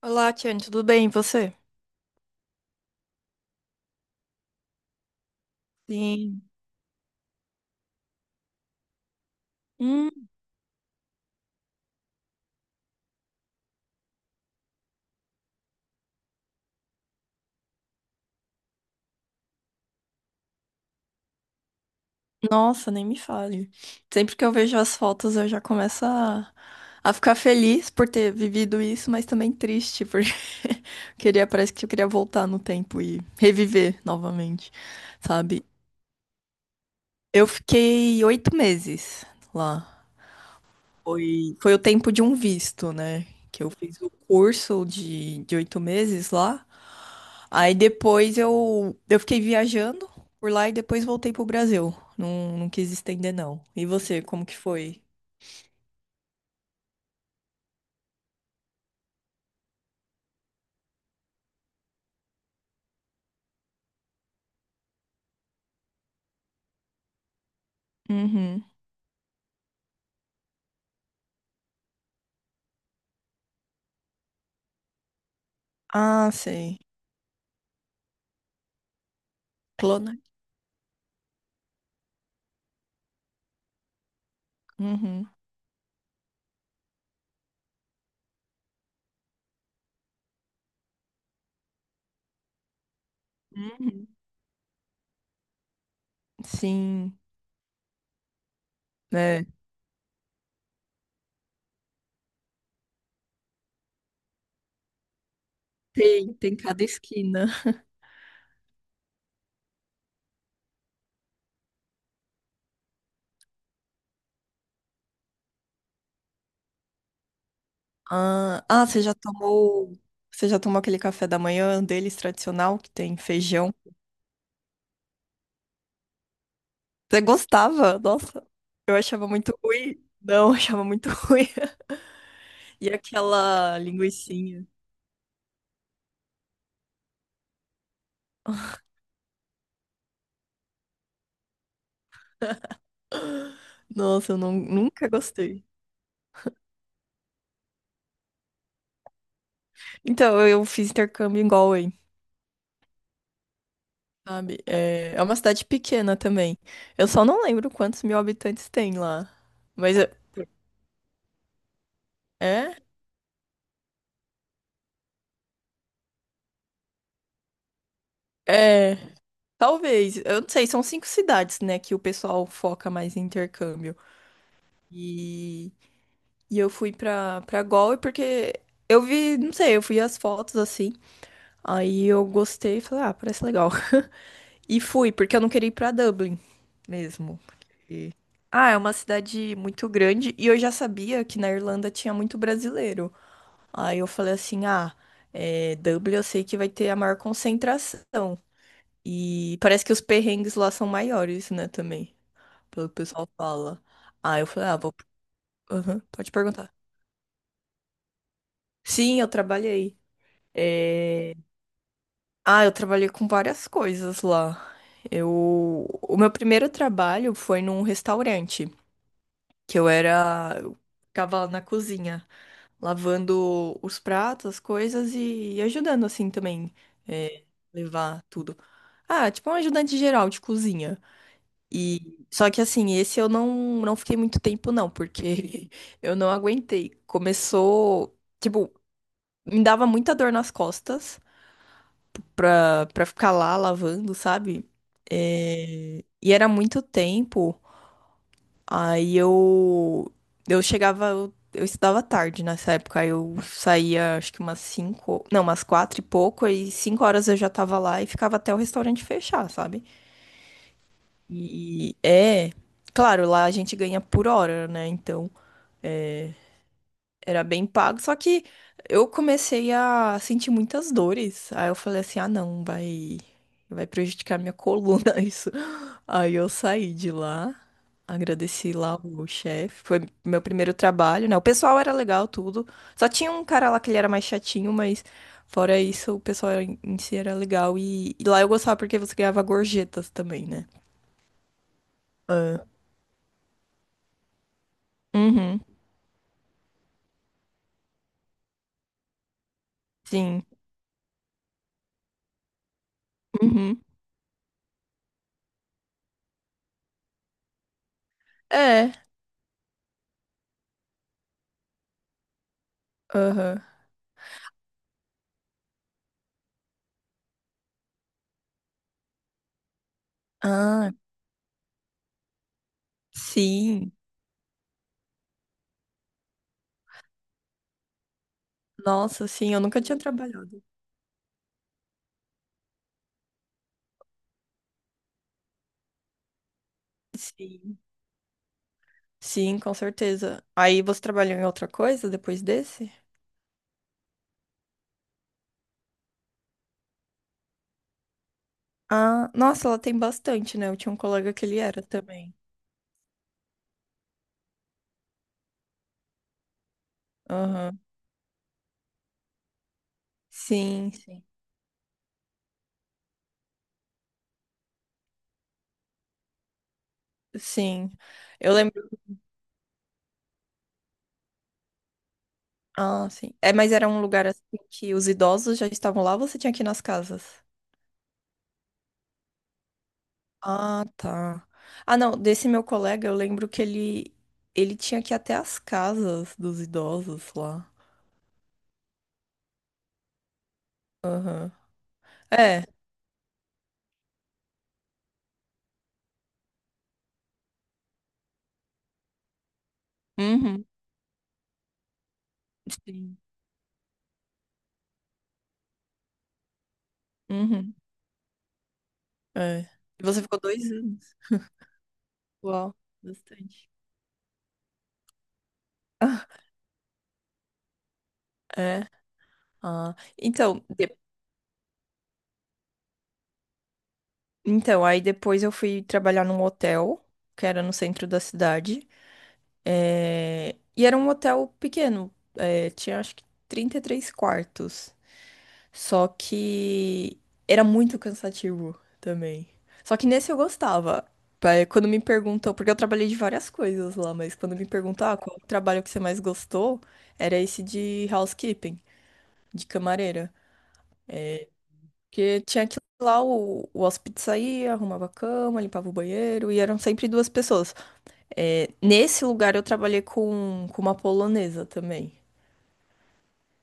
Olá, Tiane, tudo bem? E você? Sim. Hum, Nossa, nem me fale. Sempre que eu vejo as fotos, eu já começo a ficar feliz por ter vivido isso, mas também triste, porque queria, parece que eu queria voltar no tempo e reviver novamente, sabe? Eu fiquei 8 meses lá. Foi o tempo de um visto, né? Que eu fiz o curso de 8 meses lá. Aí depois eu fiquei viajando por lá e depois voltei pro Brasil. Não, não quis estender, não. E você, como que foi? Uhum. Ah, sei. Clona. Uhum. Uhum. Sim. É. Tem cada esquina. Ah, ah, você já tomou. Você já tomou aquele café da manhã deles tradicional que tem feijão? Você gostava? Nossa, eu achava muito ruim. Não, eu achava muito ruim. E aquela linguiça. Nossa, eu não, nunca gostei. Então, eu fiz intercâmbio em Galway, sabe? É, é uma cidade pequena também. Eu só não lembro quantos mil habitantes tem lá. Mas é. É? É, talvez. Eu não sei, são 5 cidades, né, que o pessoal foca mais em intercâmbio. E, e eu fui pra Galway porque eu vi, não sei, eu vi as fotos assim. Aí eu gostei e falei, ah, parece legal. E fui, porque eu não queria ir pra Dublin mesmo. Ah, é uma cidade muito grande e eu já sabia que na Irlanda tinha muito brasileiro. Aí eu falei assim: ah, é, Dublin eu sei que vai ter a maior concentração. E parece que os perrengues lá são maiores, né, também, pelo que o pessoal fala. Aí eu falei: ah, vou. Aham, pode perguntar. Sim, eu trabalhei. É, ah, eu trabalhei com várias coisas lá. Eu... O meu primeiro trabalho foi num restaurante. Que eu era, eu ficava na cozinha, lavando os pratos, as coisas e ajudando assim também, é, levar tudo. Ah, tipo um ajudante geral de cozinha. E só que assim, esse eu não fiquei muito tempo não, porque eu não aguentei. Começou, tipo, me dava muita dor nas costas pra ficar lá lavando, sabe? É, e era muito tempo. Aí eu chegava, eu estudava tarde nessa época, aí eu saía acho que umas cinco, não, umas quatro e pouco, aí 5 horas eu já tava lá e ficava até o restaurante fechar, sabe? E é, claro, lá a gente ganha por hora, né? Então era bem pago, só que eu comecei a sentir muitas dores. Aí eu falei assim: ah, não, vai prejudicar minha coluna isso. Aí eu saí de lá, agradeci lá o chefe. Foi meu primeiro trabalho, né? O pessoal era legal, tudo. Só tinha um cara lá que ele era mais chatinho, mas fora isso, o pessoal em si era legal. E lá eu gostava porque você ganhava gorjetas também, né? Uhum, sim. Uhum. É, aham. Ah, sim. Nossa, sim, eu nunca tinha trabalhado. Sim. Sim, com certeza. Aí você trabalhou em outra coisa depois desse? Ah, nossa, ela tem bastante, né? Eu tinha um colega que ele era também. Aham. Sim, sim. Sim. Eu lembro. Ah, sim. É, mas era um lugar assim que os idosos já estavam lá, ou você tinha que ir nas casas? Ah, tá. Ah, não, desse meu colega, eu lembro que ele tinha que ir até as casas dos idosos lá. Aham. É. Uhum. Sim. Uhum. É. E você ficou 2 anos. Uau. Bastante. É. Ah. Então, então, aí depois eu fui trabalhar num hotel, que era no centro da cidade. É, e era um hotel pequeno. É, tinha acho que 33 quartos. Só que era muito cansativo também. Só que nesse eu gostava. Quando me perguntou, porque eu trabalhei de várias coisas lá, mas quando me perguntou, ah, qual o trabalho que você mais gostou, era esse de housekeeping, de camareira. Porque tinha que ir lá, o hóspede saía, arrumava a cama, limpava o banheiro, e eram sempre duas pessoas. É, nesse lugar eu trabalhei com uma polonesa também.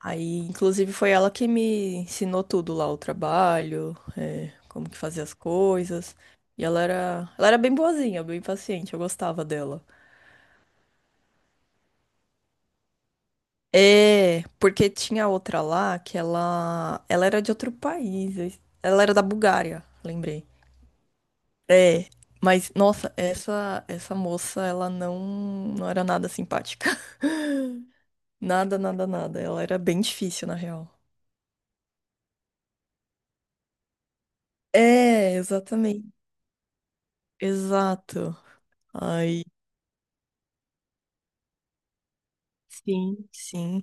Aí, inclusive, foi ela que me ensinou tudo lá, o trabalho, é, como que fazia as coisas. E ela era bem boazinha, bem paciente, eu gostava dela. É, porque tinha outra lá que ela era de outro país, ela era da Bulgária, lembrei. É, mas nossa, essa moça, ela não era nada simpática. Nada, nada, nada. Ela era bem difícil, na real. É, exatamente. Exato. Aí. Sim, sim.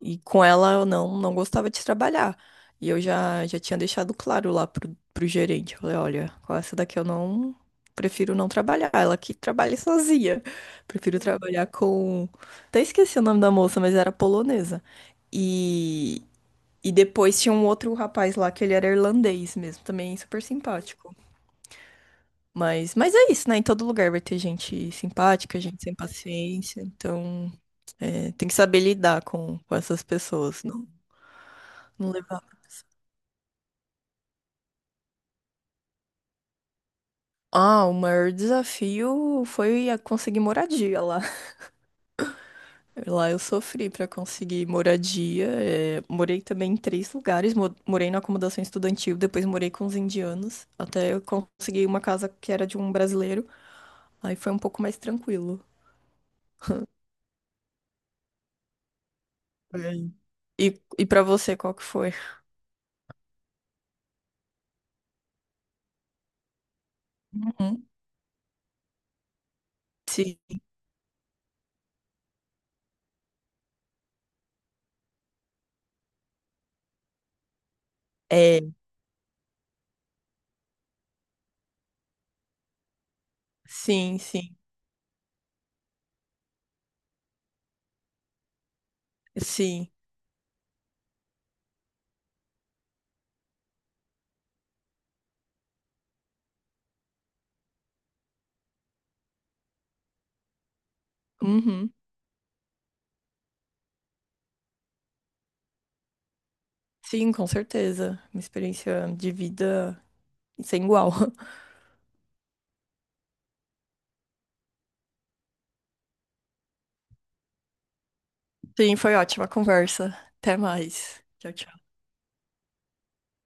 E com ela eu não, não gostava de trabalhar. E eu já tinha deixado claro lá pro gerente. Eu falei, olha, com essa daqui eu não prefiro não trabalhar. Ela que trabalha sozinha. Prefiro trabalhar com. Até esqueci o nome da moça, mas era polonesa. E, e depois tinha um outro rapaz lá que ele era irlandês mesmo, também super simpático. Mas é isso, né? Em todo lugar vai ter gente simpática, gente sem paciência. Então, é, tem que saber lidar com essas pessoas, não, não levar. Ah, o maior desafio foi a conseguir moradia lá. Lá eu sofri para conseguir moradia. É, morei também em três lugares. Morei na acomodação estudantil, depois morei com os indianos, até eu consegui uma casa que era de um brasileiro. Aí foi um pouco mais tranquilo. É. E para você, qual que foi? Uhum. É, sim, sim, sim. Uhum. Sim, com certeza. Uma experiência de vida sem igual. Sim, foi ótima a conversa. Até mais. Tchau, tchau.